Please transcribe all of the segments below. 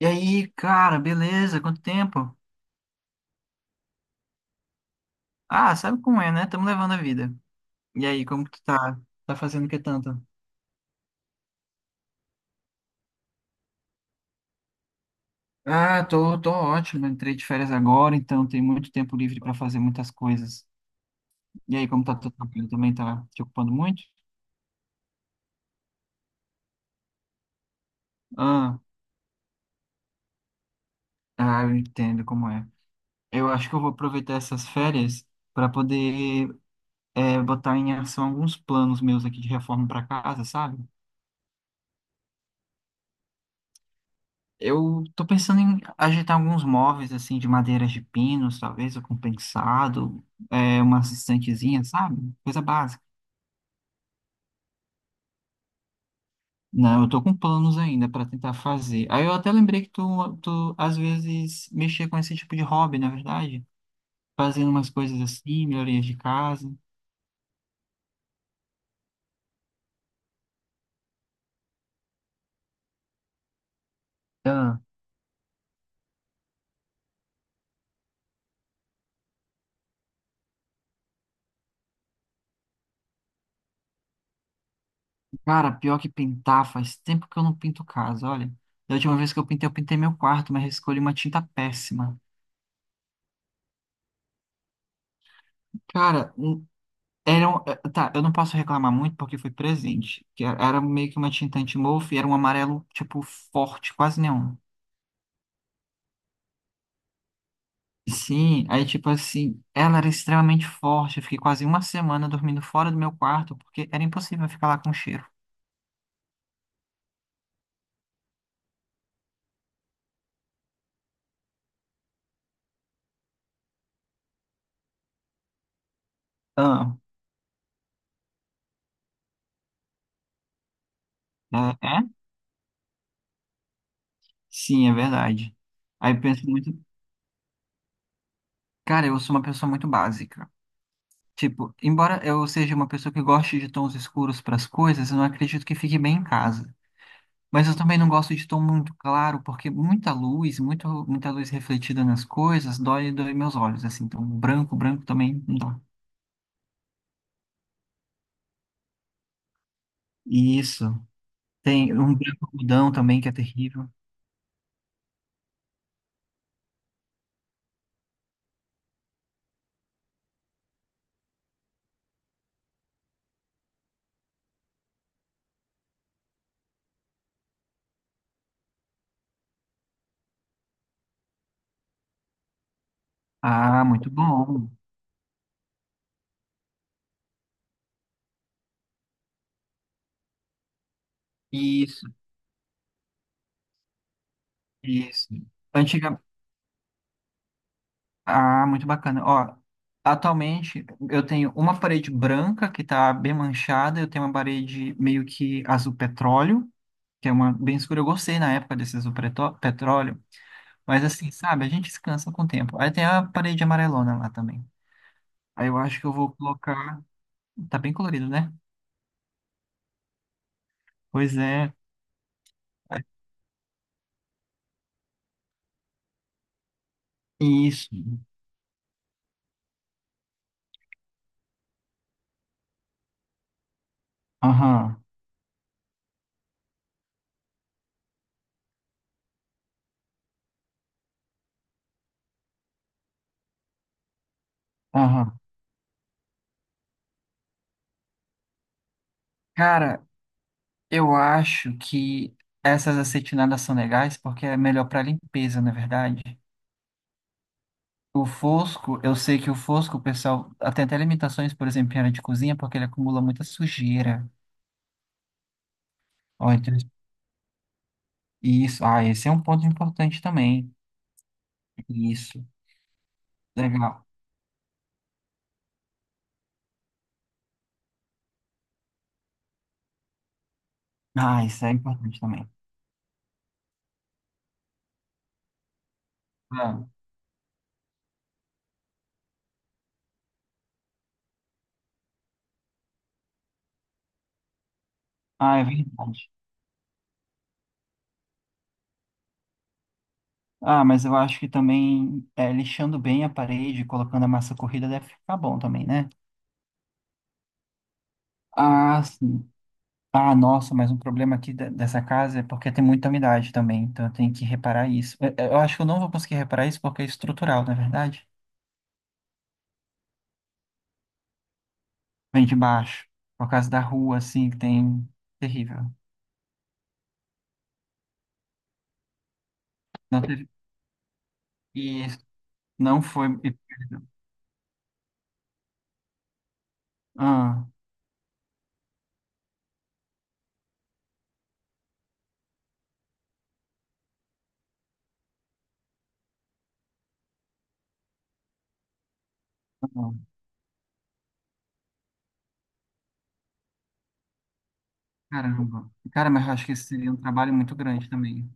E aí, cara, beleza? Quanto tempo? Ah, sabe como é, né? Estamos levando a vida. E aí, como que tu tá? Tá fazendo o que tanto? Ah, tô ótimo. Entrei de férias agora, então tem muito tempo livre para fazer muitas coisas. E aí, como tá teu trabalho também tá te ocupando muito? Ah, ah, eu entendo como é. Eu acho que eu vou aproveitar essas férias para poder botar em ação alguns planos meus aqui de reforma para casa, sabe? Eu tô pensando em ajeitar alguns móveis, assim, de madeiras de pinos, talvez, ou compensado, pensado, umas estantezinha, sabe? Coisa básica. Não, eu tô com planos ainda para tentar fazer. Aí eu até lembrei que tu, às vezes, mexia com esse tipo de hobby, na verdade. Fazendo umas coisas assim, melhorias de casa. Ah, cara, pior que pintar, faz tempo que eu não pinto casa, olha. Da última vez que eu pintei meu quarto, mas escolhi uma tinta péssima. Cara, tá, eu não posso reclamar muito porque foi presente. Que era meio que uma tinta anti-mofo e era um amarelo, tipo, forte, quase neon. Sim, aí, tipo assim, ela era extremamente forte. Eu fiquei quase uma semana dormindo fora do meu quarto porque era impossível eu ficar lá com o cheiro. Ah, é? É? Sim, é verdade. Aí eu penso muito, cara, eu sou uma pessoa muito básica. Tipo, embora eu seja uma pessoa que goste de tons escuros para as coisas, eu não acredito que fique bem em casa. Mas eu também não gosto de tom muito claro, porque muita luz, muita luz refletida nas coisas, dói meus olhos, assim. Então, branco também não dá. Isso. Tem um branco algodão também, que é terrível. Ah, muito bom. Isso, isso. Antiga... Ah, muito bacana. Ó, atualmente, eu tenho uma parede branca, que tá bem manchada. Eu tenho uma parede meio que azul petróleo, que é uma bem escura. Eu gostei na época desse petróleo. Mas assim, sabe, a gente se cansa com o tempo. Aí tem a parede amarelona lá também. Aí eu acho que eu vou colocar. Tá bem colorido, né? Pois é. Isso. Aham, aham. Cara, eu acho que essas acetinadas são legais porque é melhor para limpeza, na verdade. O fosco, eu sei que o fosco, o pessoal tem até limitações, por exemplo, em área de cozinha, porque ele acumula muita sujeira. Ó, então, isso. Ah, esse é um ponto importante também. Isso. Legal. Ah, isso é importante também. Ah. Ah, é verdade. Ah, mas eu acho que também é, lixando bem a parede, colocando a massa corrida deve ficar bom também, né? Ah, sim. Ah, nossa, mas um problema aqui dessa casa é porque tem muita umidade também, então eu tenho que reparar isso. Eu acho que eu não vou conseguir reparar isso porque é estrutural, na é verdade? Vem de baixo, por causa da rua, assim, que tem... Terrível. Não teve... E não foi... Ah, ah, caramba. Cara, mas eu acho que esse seria um trabalho muito grande também.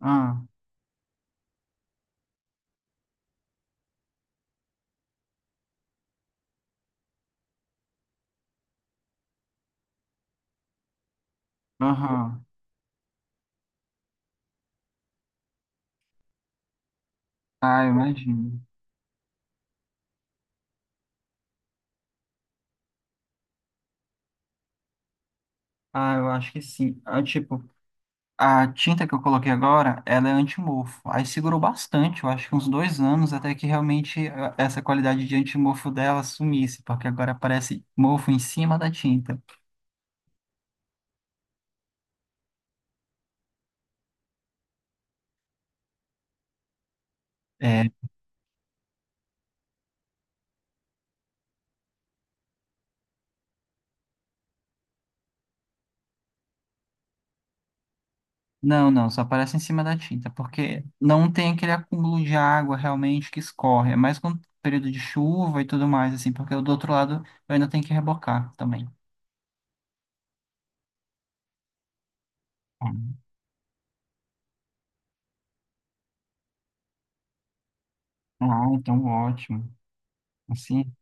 Ah, aham. Ah, eu imagino. Ah, eu acho que sim. Ah, tipo, a tinta que eu coloquei agora, ela é antimofo. Aí segurou bastante, eu acho que uns 2 anos, até que realmente essa qualidade de antimofo dela sumisse, porque agora aparece mofo em cima da tinta. É, não, não, só aparece em cima da tinta, porque não tem aquele acúmulo de água realmente que escorre. É mais com período de chuva e tudo mais, assim, porque do outro lado eu ainda tenho que rebocar também. Ah, então ótimo. Assim.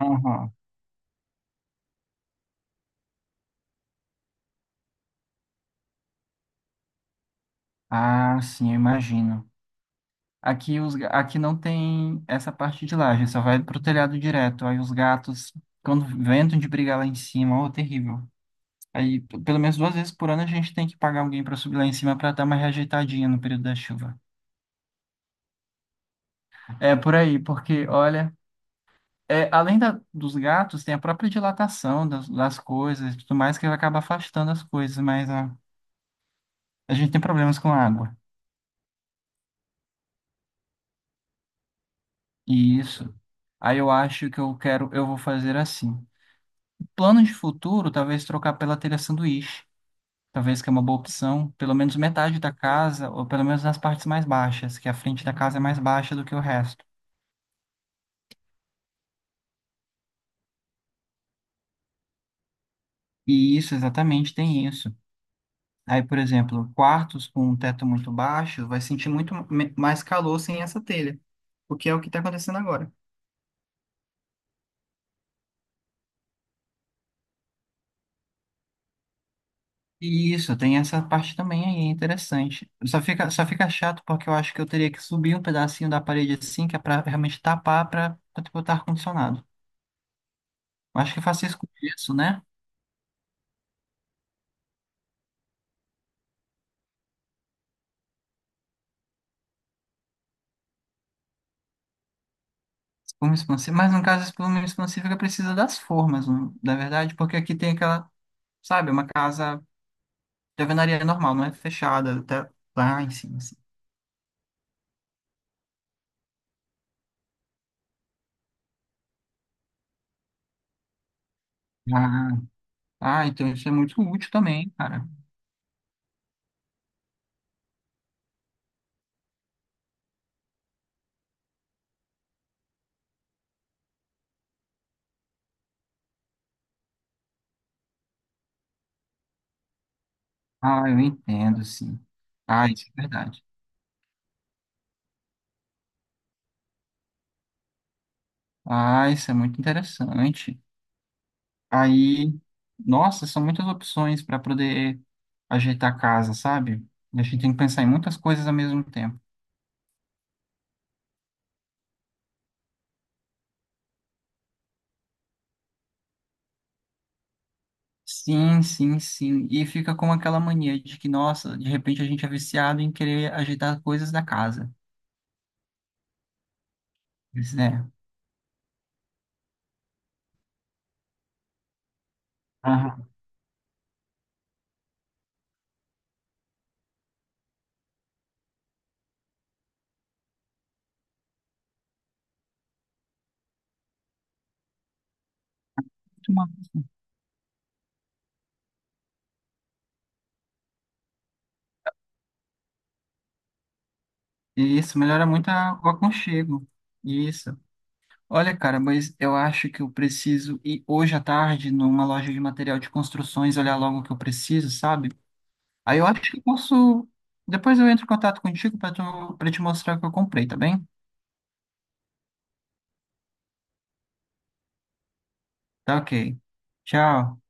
Aham. Ah, sim, eu imagino. Aqui não tem essa parte de laje, só vai pro telhado direto. Aí os gatos, quando ventam de brigar lá em cima, ó, terrível. Aí, pelo menos 2 vezes por ano, a gente tem que pagar alguém para subir lá em cima para dar uma reajeitadinha no período da chuva. É por aí, porque, olha, além dos gatos, tem a própria dilatação das coisas e tudo mais que acaba afastando as coisas, mas a gente tem problemas com água. E isso. Aí eu acho que eu quero, eu vou fazer assim. Planos de futuro, talvez trocar pela telha sanduíche. Talvez que é uma boa opção. Pelo menos metade da casa, ou pelo menos nas partes mais baixas, que a frente da casa é mais baixa do que o resto. E isso, exatamente, tem isso. Aí, por exemplo, quartos com um teto muito baixo vai sentir muito mais calor sem essa telha, o que é o que está acontecendo agora. E isso, tem essa parte também aí, é interessante. Só fica chato porque eu acho que eu teria que subir um pedacinho da parede assim, que é para realmente tapar, para botar ar-condicionado. Acho que faço isso com gesso, né? Espuma expansiva. Mas no caso, a espuma expansiva ela precisa das formas, na verdade, porque aqui tem aquela, sabe, uma casa de alvenaria normal, não é fechada, até lá em cima, assim. Ah, ah, então isso é muito útil também, cara. Ah, eu entendo, sim. Ah, isso é verdade. Ah, isso é muito interessante. Aí, nossa, são muitas opções para poder ajeitar a casa, sabe? A gente tem que pensar em muitas coisas ao mesmo tempo. Sim, sim, sim. E fica com aquela mania de que, nossa, de repente a gente é viciado em querer ajeitar coisas da casa. Isso, né? Aham. Muito massa. Isso, melhora muito o aconchego. Isso. Olha, cara, mas eu acho que eu preciso ir hoje à tarde numa loja de material de construções olhar logo o que eu preciso, sabe? Aí eu acho que eu posso. Depois eu entro em contato contigo para para te mostrar o que eu comprei, tá bem? Tá ok. Tchau.